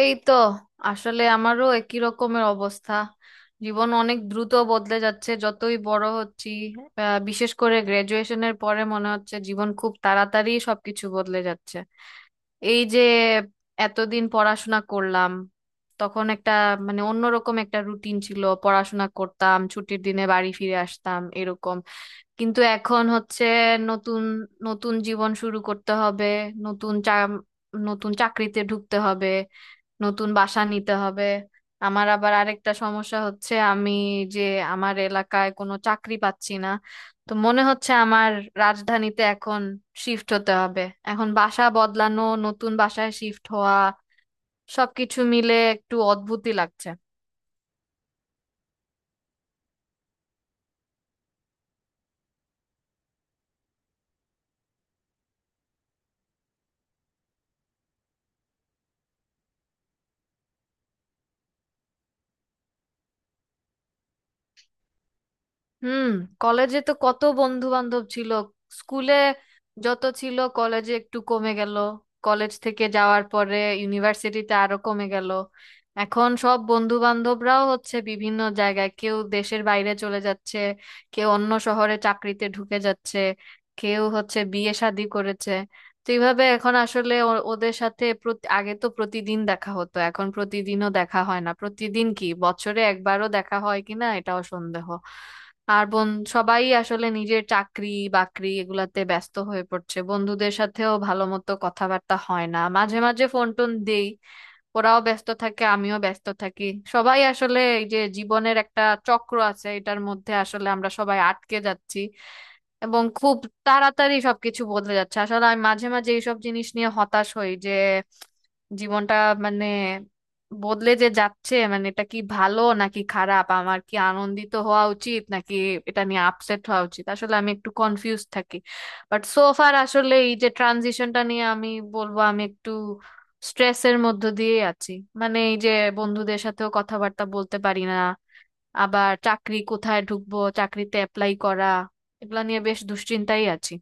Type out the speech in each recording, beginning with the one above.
এই তো। আসলে আমারও একই রকমের অবস্থা। জীবন অনেক দ্রুত বদলে যাচ্ছে যতই বড় হচ্ছি। বিশেষ করে গ্রাজুয়েশনের পরে মনে হচ্ছে জীবন খুব তাড়াতাড়ি সবকিছু বদলে যাচ্ছে। এই যে এতদিন পড়াশোনা করলাম, তখন একটা মানে অন্যরকম একটা রুটিন ছিল, পড়াশোনা করতাম, ছুটির দিনে বাড়ি ফিরে আসতাম এরকম। কিন্তু এখন হচ্ছে নতুন নতুন জীবন শুরু করতে হবে, নতুন চা নতুন চাকরিতে ঢুকতে হবে, নতুন বাসা নিতে হবে। আমার আবার আরেকটা সমস্যা হচ্ছে আমি যে আমার এলাকায় কোনো চাকরি পাচ্ছি না। তো মনে হচ্ছে আমার রাজধানীতে এখন শিফট হতে হবে। এখন বাসা বদলানো, নতুন বাসায় শিফট হওয়া, সবকিছু মিলে একটু অদ্ভুতই লাগছে। হুম। কলেজে তো কত বন্ধু বান্ধব ছিল। স্কুলে যত ছিল কলেজে একটু কমে গেল, কলেজ থেকে যাওয়ার পরে ইউনিভার্সিটিতে আরো কমে গেল। এখন সব বন্ধু বান্ধবরাও হচ্ছে বিভিন্ন জায়গায়, কেউ দেশের বাইরে চলে যাচ্ছে, কেউ অন্য শহরে চাকরিতে ঢুকে যাচ্ছে, কেউ হচ্ছে বিয়ে শাদী করেছে। তো এইভাবে এখন আসলে ওদের সাথে আগে তো প্রতিদিন দেখা হতো, এখন প্রতিদিনও দেখা হয় না, প্রতিদিন কি বছরে একবারও দেখা হয় কিনা এটাও সন্দেহ। আর বোন সবাই আসলে নিজের চাকরি বাকরি এগুলাতে ব্যস্ত হয়ে পড়ছে, বন্ধুদের সাথেও ভালো মতো কথাবার্তা হয় না। মাঝে মাঝে ফোন টোন দেই, ওরাও ব্যস্ত থাকে আমিও ব্যস্ত থাকি। সবাই আসলে এই যে জীবনের একটা চক্র আছে এটার মধ্যে আসলে আমরা সবাই আটকে যাচ্ছি, এবং খুব তাড়াতাড়ি সবকিছু বদলে যাচ্ছে। আসলে আমি মাঝে মাঝে এইসব জিনিস নিয়ে হতাশ হই যে জীবনটা মানে বদলে যে যাচ্ছে, মানে এটা কি ভালো নাকি খারাপ, আমার কি আনন্দিত হওয়া উচিত নাকি এটা নিয়ে আপসেট হওয়া উচিত, আসলে আমি একটু কনফিউজ থাকি। বাট সো ফার আসলে এই যে ট্রানজিশনটা নিয়ে আমি বলবো আমি একটু স্ট্রেসের মধ্য দিয়ে আছি। মানে এই যে বন্ধুদের সাথেও কথাবার্তা বলতে পারি না, আবার চাকরি কোথায় ঢুকবো, চাকরিতে অ্যাপ্লাই করা, এগুলা নিয়ে বেশ দুশ্চিন্তাই আছি।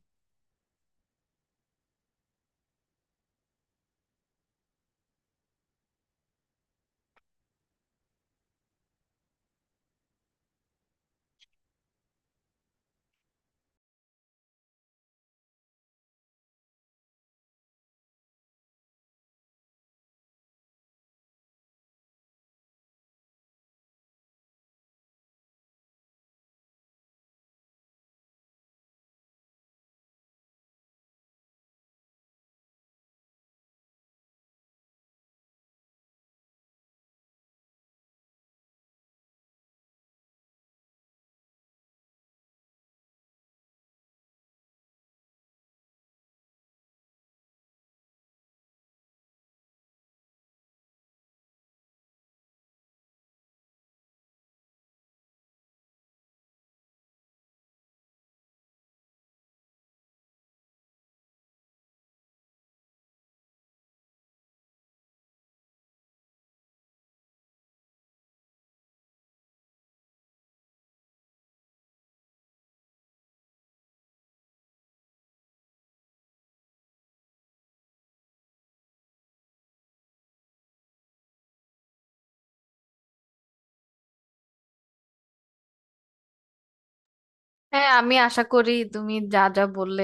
হ্যাঁ, আমি আশা করি তুমি যা যা বললে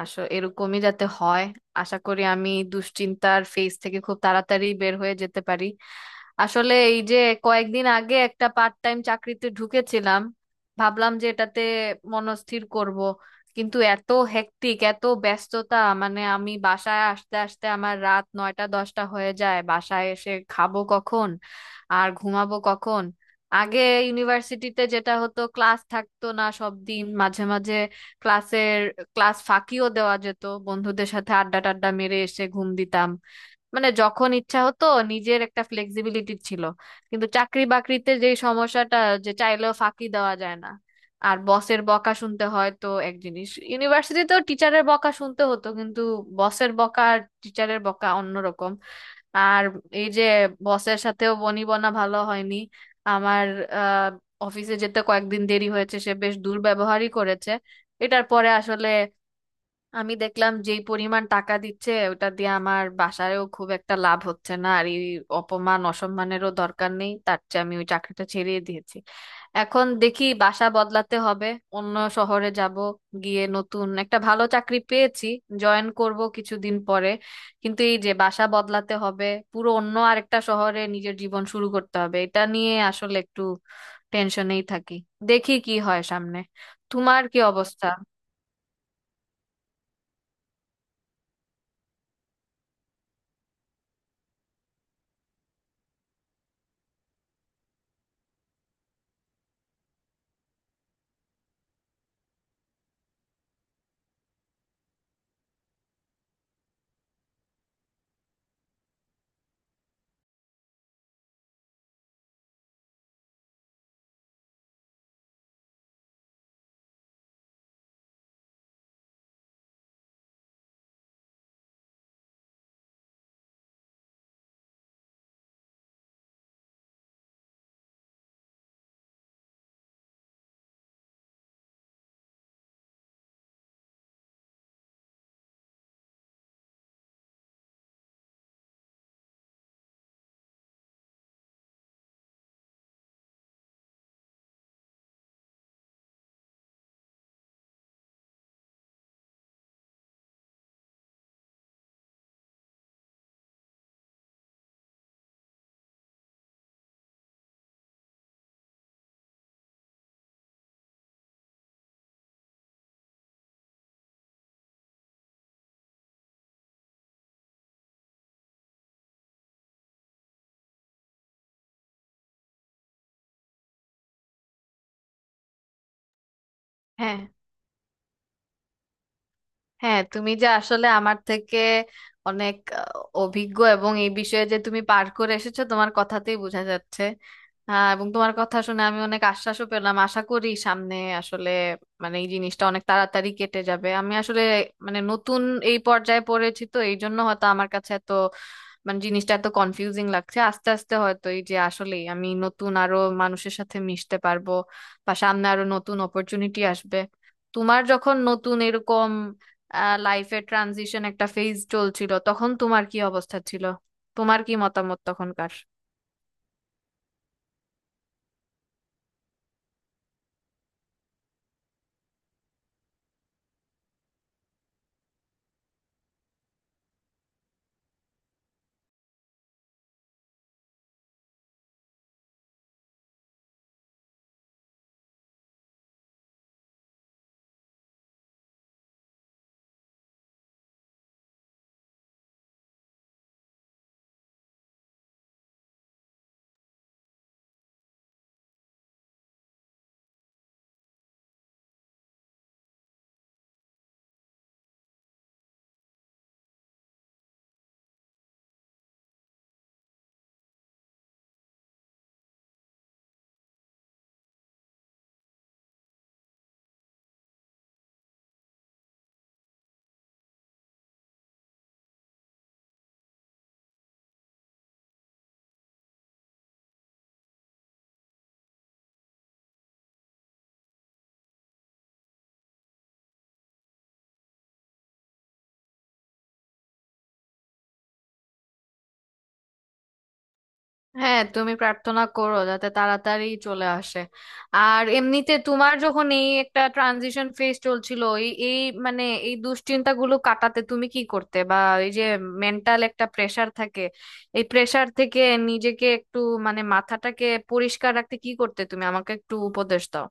আসো এরকমই যাতে হয়। আশা করি আমি দুশ্চিন্তার ফেজ থেকে খুব তাড়াতাড়ি বের হয়ে যেতে পারি। আসলে এই যে কয়েকদিন আগে একটা পার্ট টাইম চাকরিতে ঢুকেছিলাম, ভাবলাম যে এটাতে মনস্থির করব, কিন্তু এত হেক্টিক এত ব্যস্ততা, মানে আমি বাসায় আসতে আসতে আমার রাত 9টা 10টা হয়ে যায়, বাসায় এসে খাবো কখন আর ঘুমাবো কখন। আগে ইউনিভার্সিটিতে যেটা হতো ক্লাস থাকতো না সব দিন, মাঝে মাঝে ক্লাসের ক্লাস ফাঁকিও দেওয়া যেত, বন্ধুদের সাথে আড্ডা টাড্ডা মেরে এসে ঘুম দিতাম মানে যখন ইচ্ছা হতো, নিজের একটা ফ্লেক্সিবিলিটি ছিল। কিন্তু চাকরি বাকরিতে যে সমস্যাটা যে চাইলেও ফাঁকি দেওয়া যায় না, আর বসের বকা শুনতে হয়। তো এক জিনিস ইউনিভার্সিটিতেও টিচারের বকা শুনতে হতো, কিন্তু বসের বকা আর টিচারের বকা অন্যরকম। আর এই যে বসের সাথেও বনিবনা ভালো হয়নি আমার। আহ অফিসে যেতে কয়েকদিন দেরি হয়েছে, সে বেশ দুর্ব্যবহারই করেছে। এটার পরে আসলে আমি দেখলাম যেই পরিমাণ টাকা দিচ্ছে ওটা দিয়ে আমার বাসায়ও খুব একটা লাভ হচ্ছে না, আর এই অপমান অসম্মানেরও দরকার নেই, তার চেয়ে আমি ওই চাকরিটা ছেড়েই দিয়েছি। এখন দেখি বাসা বদলাতে হবে, অন্য শহরে যাব, গিয়ে নতুন একটা ভালো চাকরি পেয়েছি, জয়েন করব কিছুদিন পরে। কিন্তু এই যে বাসা বদলাতে হবে, পুরো অন্য আরেকটা শহরে নিজের জীবন শুরু করতে হবে, এটা নিয়ে আসলে একটু টেনশনেই থাকি। দেখি কি হয় সামনে। তোমার কি অবস্থা? হ্যাঁ, হ্যাঁ, তুমি যে আসলে আমার থেকে অনেক অভিজ্ঞ এবং এই বিষয়ে যে তুমি পার করে এসেছো তোমার কথাতেই বোঝা যাচ্ছে। এবং তোমার কথা শুনে আমি অনেক আশ্বাসও পেলাম। আশা করি সামনে আসলে মানে এই জিনিসটা অনেক তাড়াতাড়ি কেটে যাবে। আমি আসলে মানে নতুন এই পর্যায়ে পড়েছি তো এই জন্য হয়তো আমার কাছে এত মানে জিনিসটা এত কনফিউজিং লাগছে। আস্তে আস্তে হয়তো এই যে আসলেই আমি নতুন আরো মানুষের সাথে মিশতে পারবো বা সামনে আরো নতুন অপরচুনিটি আসবে। তোমার যখন নতুন এরকম লাইফের ট্রানজিশন একটা ফেজ চলছিল তখন তোমার কি অবস্থা ছিল? তোমার কি মতামত তখনকার? হ্যাঁ, তুমি প্রার্থনা করো যাতে তাড়াতাড়ি চলে আসে। আর এমনিতে তোমার যখন এই একটা ট্রানজিশন ফেজ চলছিল এই এই মানে এই দুশ্চিন্তাগুলো কাটাতে তুমি কি করতে, বা এই যে মেন্টাল একটা প্রেসার থাকে, এই প্রেসার থেকে নিজেকে একটু মানে মাথাটাকে পরিষ্কার রাখতে কি করতে তুমি আমাকে একটু উপদেশ দাও।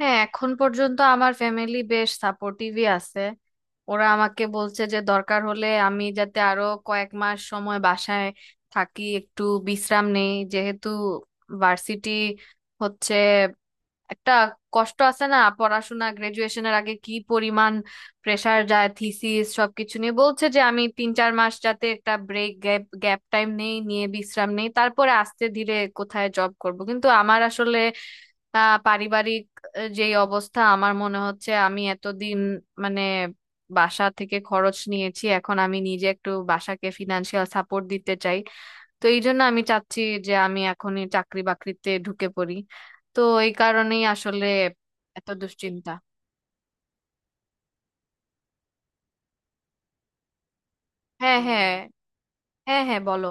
হ্যাঁ, এখন পর্যন্ত আমার ফ্যামিলি বেশ সাপোর্টিভই আছে। ওরা আমাকে বলছে যে দরকার হলে আমি যাতে আরো কয়েক মাস সময় বাসায় থাকি, একটু বিশ্রাম নেই যেহেতু ভার্সিটি হচ্ছে একটা কষ্ট আছে না, পড়াশোনা গ্রাজুয়েশনের আগে কি পরিমাণ প্রেসার যায় থিসিস সবকিছু নিয়ে, বলছে যে আমি 3 4 মাস যাতে একটা ব্রেক গ্যাপ গ্যাপ টাইম নেই নিয়ে বিশ্রাম নেই, তারপরে আস্তে ধীরে কোথায় জব করব। কিন্তু আমার আসলে তা পারিবারিক যে অবস্থা আমার মনে হচ্ছে আমি এতদিন মানে বাসা থেকে খরচ নিয়েছি, এখন আমি নিজে একটু বাসাকে ফিনান্সিয়াল সাপোর্ট দিতে চাই। তো এই জন্য আমি চাচ্ছি যে আমি এখনই চাকরি বাকরিতে ঢুকে পড়ি। তো এই কারণেই আসলে এত দুশ্চিন্তা। হ্যাঁ, হ্যাঁ। হ্যাঁ, হ্যাঁ, বলো।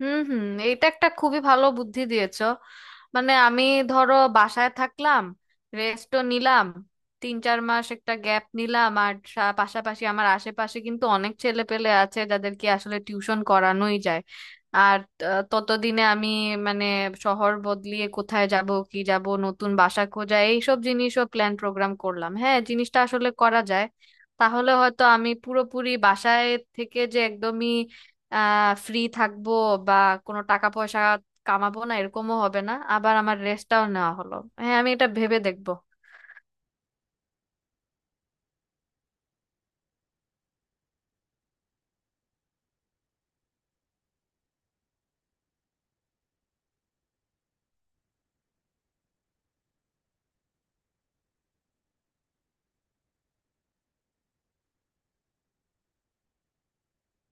হুম, হুম, এটা একটা খুবই ভালো বুদ্ধি দিয়েছো। মানে আমি ধরো বাসায় থাকলাম, রেস্টও নিলাম, 3 4 মাস একটা গ্যাপ নিলাম, আর পাশাপাশি আমার আশেপাশে কিন্তু অনেক ছেলে পেলে আছে যাদেরকে আসলে টিউশন করানোই যায়। আর ততদিনে আমি মানে শহর বদলিয়ে কোথায় যাব কি যাব, নতুন বাসা খোঁজা, এইসব জিনিসও প্ল্যান প্রোগ্রাম করলাম। হ্যাঁ, জিনিসটা আসলে করা যায়। তাহলে হয়তো আমি পুরোপুরি বাসায় থেকে যে একদমই ফ্রি থাকবো বা কোনো টাকা পয়সা কামাবো না এরকমও হবে না, আবার আমার রেস্টটাও নেওয়া হলো। হ্যাঁ, আমি এটা ভেবে দেখবো।